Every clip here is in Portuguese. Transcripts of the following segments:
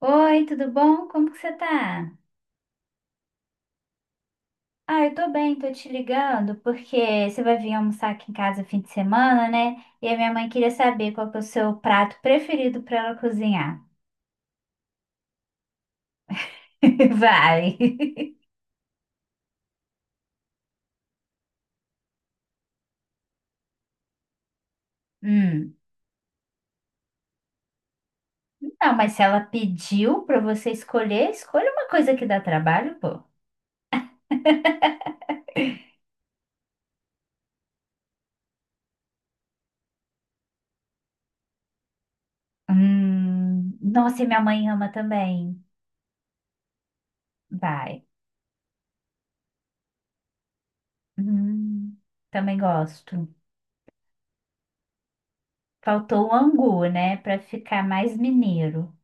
Oi, tudo bom? Como que você tá? Ah, eu tô bem, tô te ligando porque você vai vir almoçar aqui em casa fim de semana, né? E a minha mãe queria saber qual que é o seu prato preferido pra ela cozinhar. Vai. Hum. Não, mas se ela pediu pra você escolher, escolha uma coisa que dá trabalho, pô. Hum. Nossa, e minha mãe ama também. Vai. Hum. Também gosto. Gosto. Faltou o angu, né? Pra ficar mais mineiro.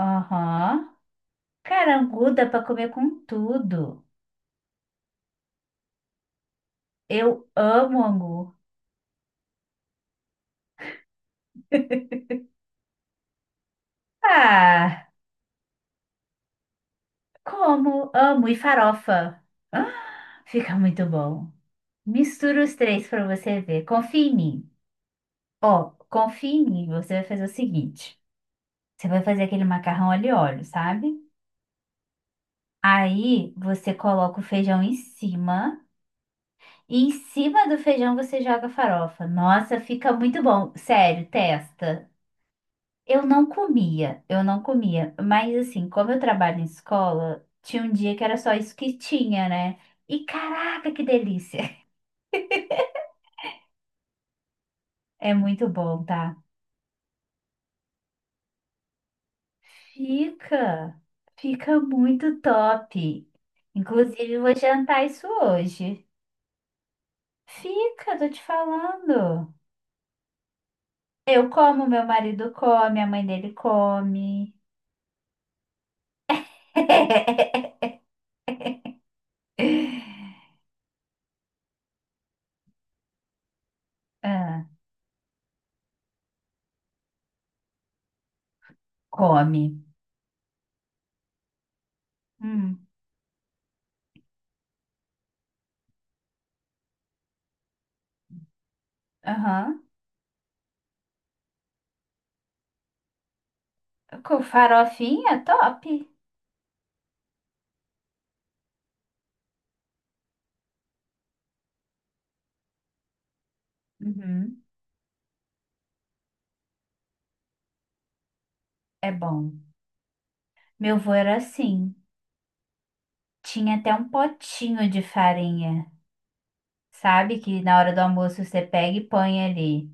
Aham. Cara, angu dá pra comer com tudo. Eu amo angu. Ah, como amo e farofa. Ah, fica muito bom. Mistura os três pra você ver. Confia em mim. Ó, confia em mim. Você vai fazer o seguinte: você vai fazer aquele macarrão ali óleo, sabe? Aí você coloca o feijão em cima e em cima do feijão você joga a farofa. Nossa, fica muito bom. Sério, testa. Eu não comia. Mas assim, como eu trabalho em escola, tinha um dia que era só isso que tinha, né? E caraca, que delícia! É muito bom, tá? Fica, fica muito top. Inclusive, eu vou jantar isso hoje. Fica, tô te falando. Eu como, meu marido come, a mãe dele come. Ah, come. Hum, aham. Com farofinha, top. Uhum. É bom. Meu avô era assim. Tinha até um potinho de farinha, sabe? Que na hora do almoço você pega e põe ali.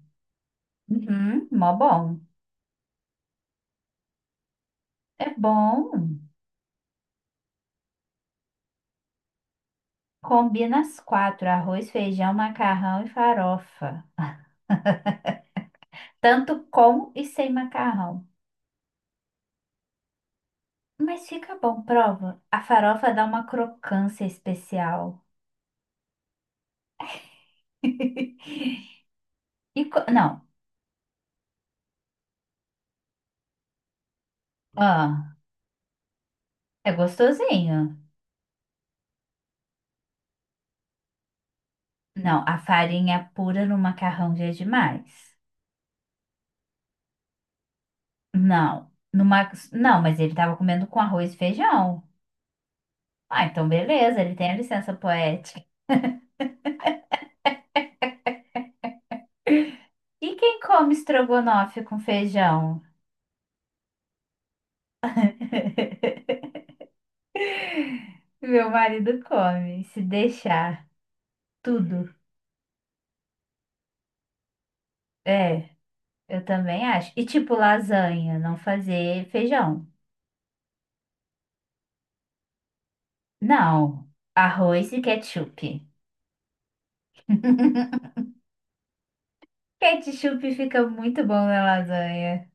Uhum. Mó bom. É bom. Combina as quatro: arroz, feijão, macarrão e farofa. Tanto com e sem macarrão. Mas fica bom, prova. A farofa dá uma crocância especial. Não. Ah, é gostosinho. Não, a farinha pura no macarrão já é demais. Não, no Max, não, mas ele tava comendo com arroz e feijão. Ah, então beleza, ele tem a licença poética. E quem come estrogonofe com feijão? Meu marido come, se deixar, tudo. É, eu também acho. E tipo lasanha, não fazer feijão. Não, arroz e ketchup. Ketchup fica muito bom na lasanha.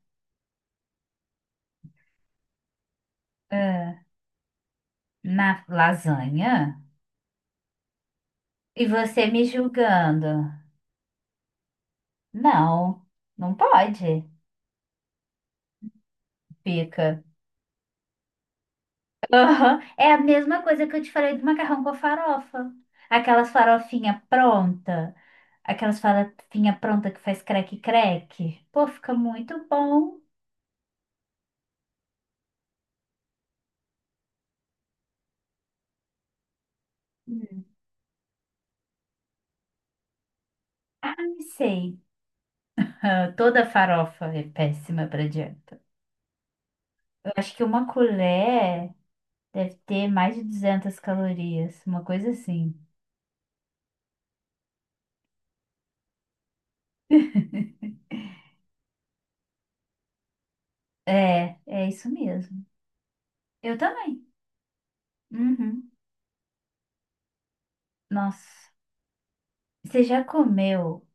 Ah, na lasanha? E você me julgando? Não, não pode. Fica. Aham. É a mesma coisa que eu te falei do macarrão com farofa. Aquelas farofinha pronta, aquelas farofinha pronta que faz creque-creque. Pô, fica muito bom. Hum. Ah, sei. Ah, toda farofa é péssima para dieta. Eu acho que uma colher deve ter mais de 200 calorias, uma coisa assim. É, é isso mesmo. Eu também. Uhum. Nossa, você já comeu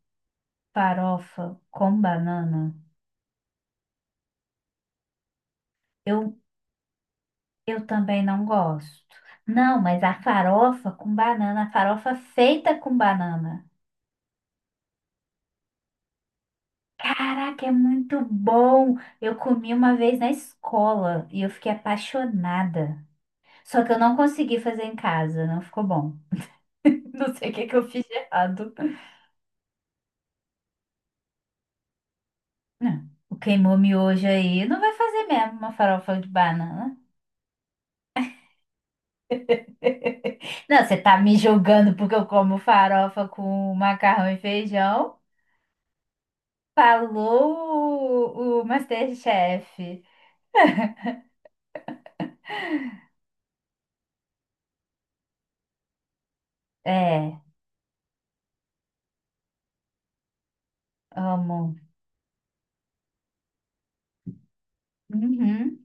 farofa com banana? Eu, eu também não gosto. Não, mas a farofa com banana, a farofa feita com banana. Caraca, é muito bom! Eu comi uma vez na escola e eu fiquei apaixonada. Só que eu não consegui fazer em casa, não ficou bom. Não sei o que que eu fiz de errado. Não, o queimou miojo aí não vai fazer mesmo uma farofa de banana. Não, você tá me julgando porque eu como farofa com macarrão e feijão? Falou o Masterchef. É, amo. Uhum.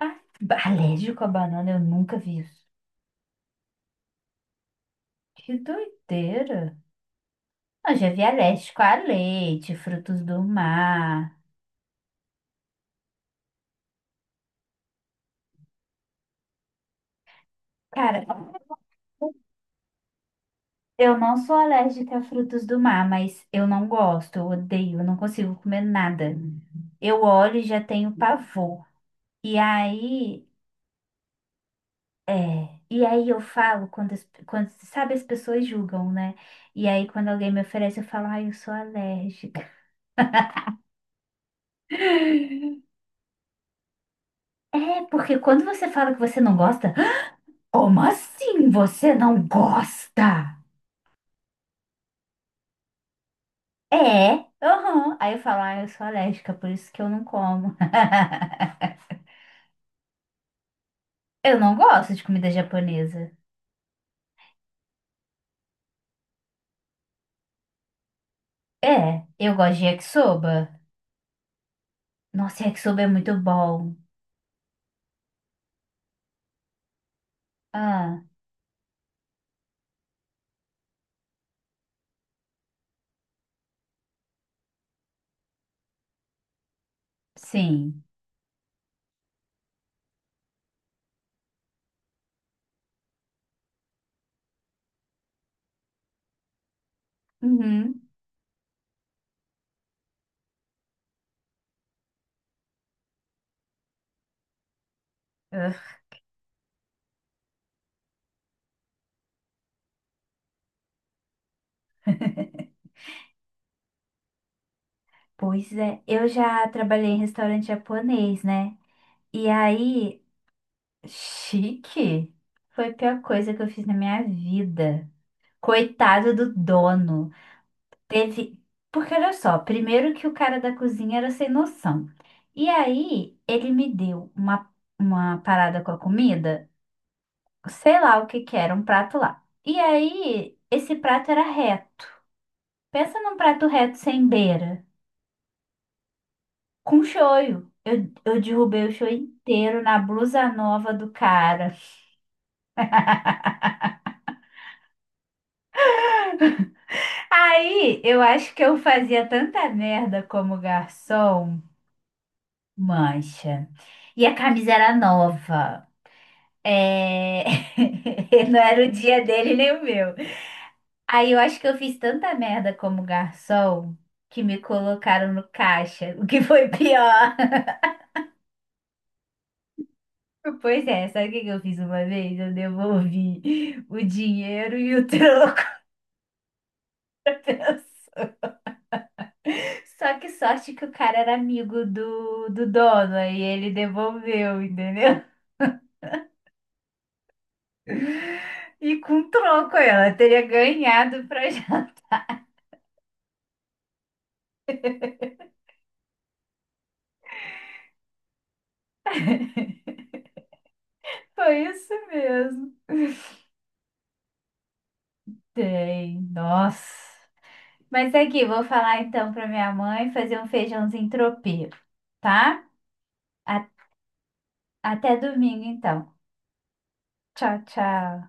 Alérgico à banana, eu nunca vi isso. Que doideira. Eu já vi alérgico a leite, frutos do mar. Cara, eu não sou alérgica a frutos do mar, mas eu não gosto, eu odeio, eu não consigo comer nada. Eu olho e já tenho pavor. E aí. É, e aí eu falo quando, quando, sabe, as pessoas julgam, né? E aí quando alguém me oferece, eu falo, ai, eu sou alérgica. É, porque quando você fala que você não gosta, como assim você não gosta? É, aham. Aí eu falo, ai, eu sou alérgica, por isso que eu não como. Eu não gosto de comida japonesa. É, eu gosto de yakisoba. Nossa, yakisoba é muito bom. Ah, sim. Uhum. Pois é, eu já trabalhei em restaurante japonês, né? E aí, chique. Foi a pior coisa que eu fiz na minha vida. Coitado do dono. Teve. Porque olha só, primeiro que o cara da cozinha era sem noção. E aí, ele me deu uma, parada com a comida, sei lá o que que era, um prato lá. E aí, esse prato era reto. Pensa num prato reto sem beira. Com shoyu. Eu derrubei o shoyu inteiro na blusa nova do cara. Aí, eu acho que eu fazia tanta merda como garçom, mancha. E a camisa era nova. É... Não era o dia dele nem o meu. Aí eu acho que eu fiz tanta merda como garçom que me colocaram no caixa, o que foi pior. Pois é, sabe o que que eu fiz uma vez? Eu devolvi o dinheiro e o troco. Só que sorte que o cara era amigo do dono, aí ele devolveu, entendeu? E com troco ela teria ganhado pra já. Foi isso mesmo. Tem, nossa. Mas aqui, vou falar então pra minha mãe fazer um feijãozinho tropeiro, tá? A- Até domingo então. Tchau, tchau.